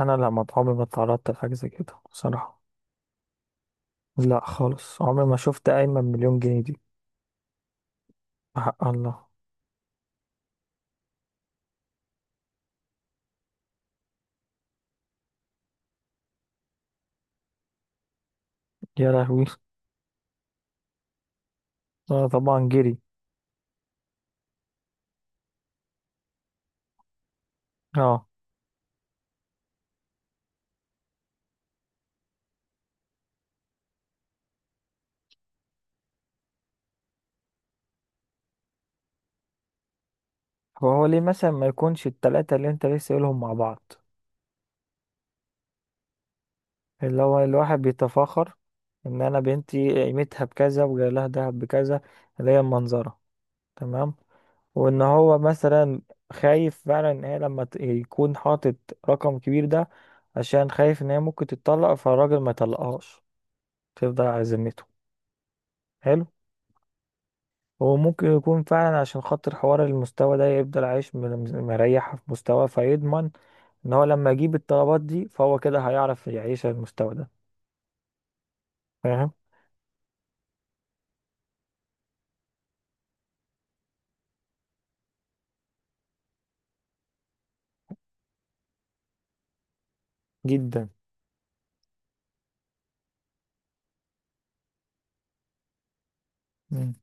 انا لا، ما عمري ما اتعرضت لحاجه زي كده بصراحه. لا خالص، عمري ما شفت قايمه بمليون جنيه دي. حق الله. يا لهوي. اه طبعا جري. اه. فهو ليه مثلا ما يكونش التلاتة اللي انت لسه قايلهم مع بعض؟ اللي هو الواحد بيتفاخر ان انا بنتي قيمتها بكذا وجاي لها دهب بكذا، اللي هي المنظره. تمام. وان هو مثلا خايف فعلا ان هي لما يكون حاطط رقم كبير ده، عشان خايف ان هي ممكن تتطلق فالراجل ما يطلقهاش، تفضل على ذمته. حلو. هو ممكن يكون فعلا عشان خاطر حوار المستوى ده، يفضل عايش مريح في مستوى، فيضمن ان هو لما يجيب الطلبات دي فهو كده هيعرف يعيش على المستوى ده. فاهم. جدا. مم.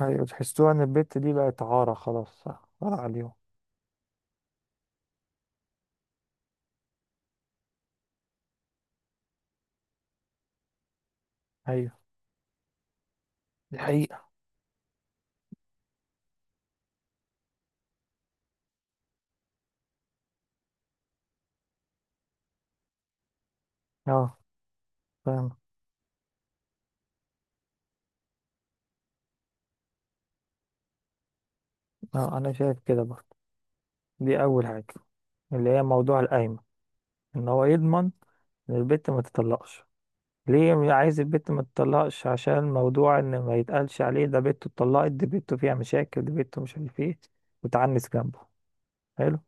ايوه، تحسوها ان البت دي بقت عارة خلاص، صح، عارة عليهم. ايوه دي حقيقة. اه. فاهم. اه انا شايف كده برضه. دي اول حاجة، اللي هي موضوع القايمة، ان هو يضمن ان البت ما تطلقش. ليه عايز البت ما تطلقش؟ عشان موضوع ان ما يتقالش عليه ده بنته اتطلقت، دي بنته فيها مشاكل، دي بنته مش عارف ايه، وتعنس جنبه. حلو.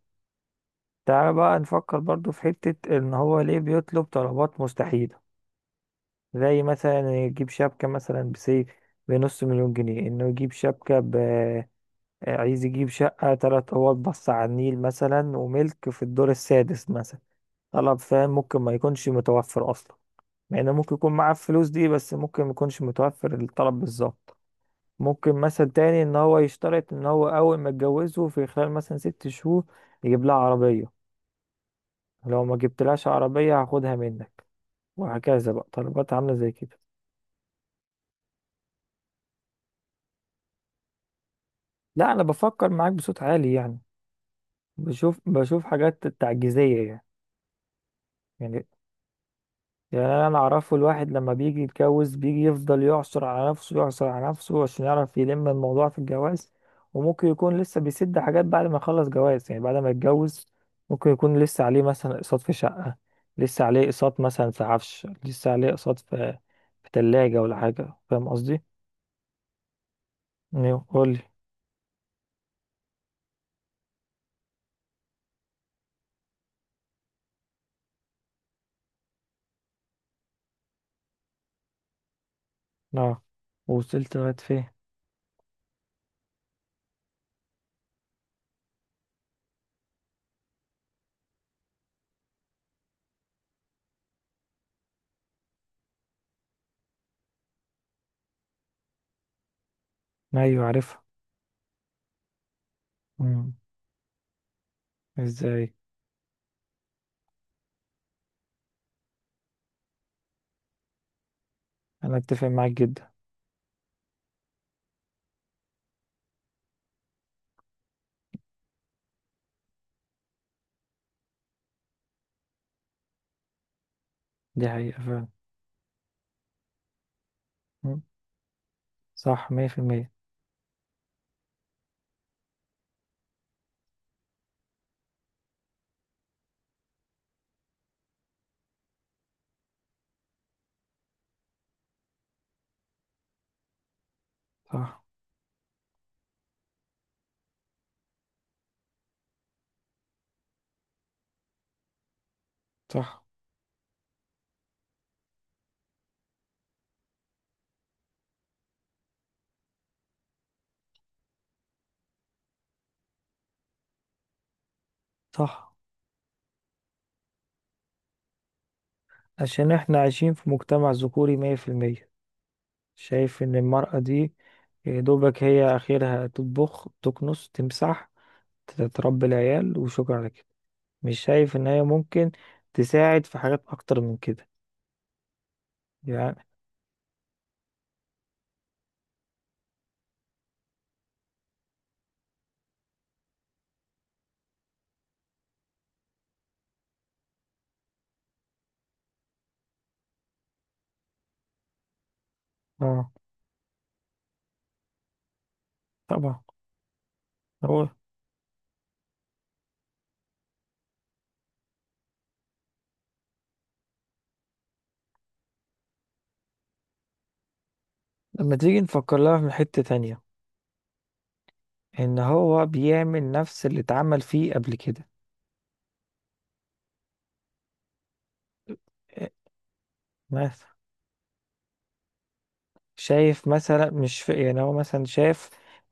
تعالى بقى نفكر برضو في حتة ان هو ليه بيطلب طلبات مستحيلة. زي مثلا يجيب شبكة مثلا بسيف، بنص مليون جنيه، انه يجيب شبكة ب، عايز يجيب شقة تلات اوض بص على النيل مثلا، وملك في الدور السادس مثلا. طلب، فاهم، ممكن ما يكونش متوفر اصلا. مع انه ممكن يكون معاه الفلوس دي، بس ممكن ما يكونش متوفر الطلب بالظبط. ممكن مثل تاني ان هو يشترط ان هو اول ما يتجوزه في خلال مثلا ست شهور يجيب لها عربية. لو ما جبتلهاش عربية هاخدها منك. وهكذا بقى طلبات عاملة زي كده. لا انا بفكر معاك بصوت عالي يعني. بشوف، بشوف حاجات تعجيزية يعني. يعني انا اعرفه الواحد لما بيجي يتجوز بيجي يفضل يعصر على نفسه، يعصر على نفسه، عشان يعرف يلم الموضوع في الجواز. وممكن يكون لسه بيسد حاجات بعد ما يخلص جواز، يعني بعد ما يتجوز. ممكن يكون لسه عليه مثلا اقساط في شقة، لسه عليه اقساط مثلا في عفش، لسه عليه اقساط في في تلاجة ولا حاجة، فاهم قصدي؟ ايوه قول لي. اه، وصلت لغاية فين؟ ايوه عارفها. مم. ازاي؟ انا اتفق معاك جدا. دي حقيقة فعلا. مم. صح، مية في المية. صح. صح. صح. عشان احنا عايشين في مجتمع ذكوري مية في المية، شايف ان المرأة دي يا دوبك هي اخرها تطبخ، تكنس، تمسح، تربي العيال، وشكرا على كده. مش شايف ان هي ممكن تساعد في حاجات اكتر من كده. يعني. اه طبعا. هو لما تيجي نفكر لها من حتة تانية، ان هو بيعمل نفس اللي اتعمل فيه قبل كده. مثلا شايف مثلا، مش في يعني، هو مثلا شايف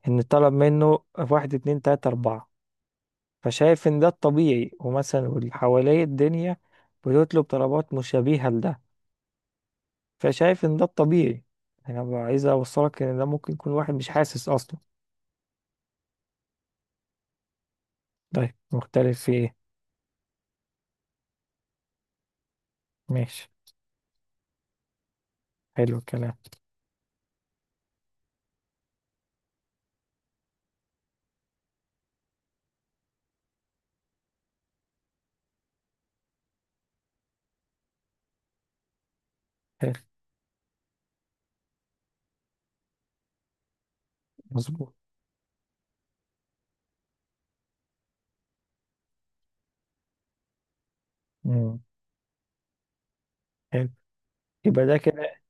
ان طلب منه واحد اتنين تلاتة اربعة، فشايف ان ده الطبيعي، ومثلا واللي حواليه الدنيا بتطلب طلبات مشابهة لده، فشايف ان ده الطبيعي. انا بقى عايز اوصلك ان ده ممكن يكون واحد مش حاسس اصلا. طيب مختلف في ايه؟ ماشي. حلو الكلام. حلو. مظبوط. امم. حلو. يبقى ده كده.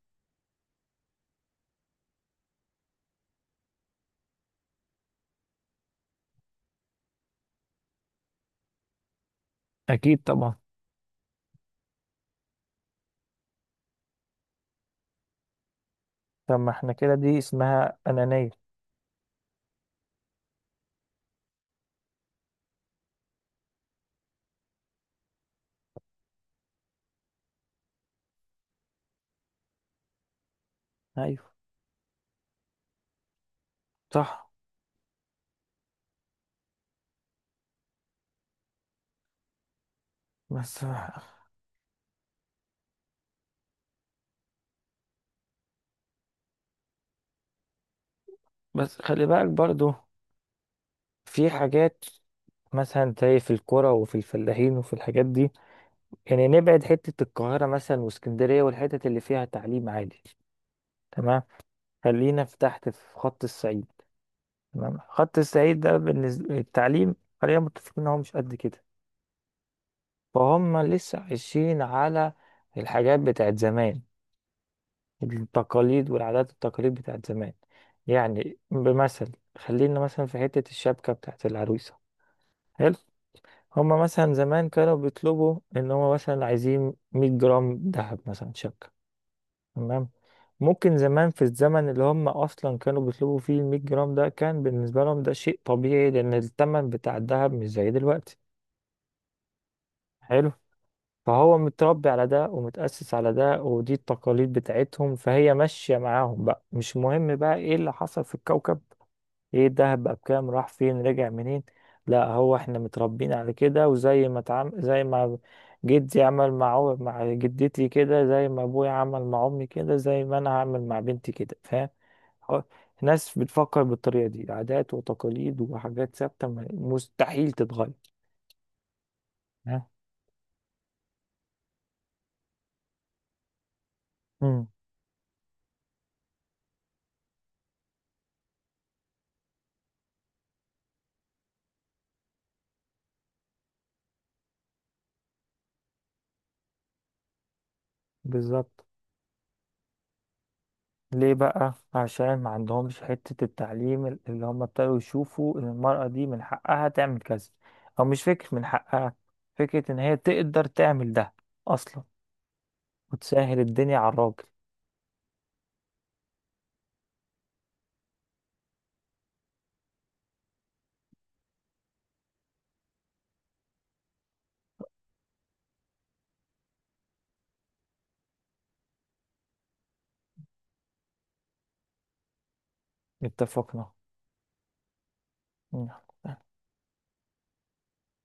اكيد طبعا. طب ما احنا كده دي اسمها انانية. ايوه. صح. بس. بس خلي بالك برضو في حاجات، مثلا زي في الكرة وفي الفلاحين وفي الحاجات دي. يعني نبعد حتة القاهرة مثلا واسكندرية والحتت اللي فيها تعليم عالي. تمام. خلينا في تحت في خط الصعيد. تمام، خط الصعيد ده بالنسبة للتعليم، خلينا متفقين ان هو مش قد كده. فهم لسه عايشين على الحاجات بتاعت زمان، التقاليد والعادات والتقاليد بتاعت زمان. يعني بمثل، خلينا مثلا في حتة الشبكة بتاعت العروسة. حلو. هما مثلا زمان كانوا بيطلبوا ان هما مثلا عايزين 100 جرام دهب مثلا شبكة. تمام. ممكن زمان في الزمن اللي هم اصلا كانوا بيطلبوا فيه ال 100 جرام ده كان بالنسبه لهم ده شيء طبيعي، لان الثمن بتاع الذهب مش زي دلوقتي. حلو. فهو متربي على ده ومتأسس على ده، ودي التقاليد بتاعتهم، فهي ماشيه معاهم، بقى مش مهم بقى ايه اللي حصل في الكوكب، ايه دهب بقى بكام، راح فين، رجع منين. لا هو احنا متربيين على كده، وزي ما زي ما جدي عمل مع مع جدتي كده، زي ما ابويا عمل مع امي كده، زي ما انا هعمل مع بنتي كده، فاهم. هو- ناس بتفكر بالطريقة دي، عادات وتقاليد وحاجات ثابتة مستحيل تتغير. ها. امم. بالظبط. ليه بقى؟ عشان ما عندهمش حتة التعليم اللي هم ابتدوا يشوفوا ان المرأة دي من حقها تعمل كذا. او مش فكرة من حقها، فكرة ان هي تقدر تعمل ده اصلا، وتسهل الدنيا على الراجل. اتفقنا. مم.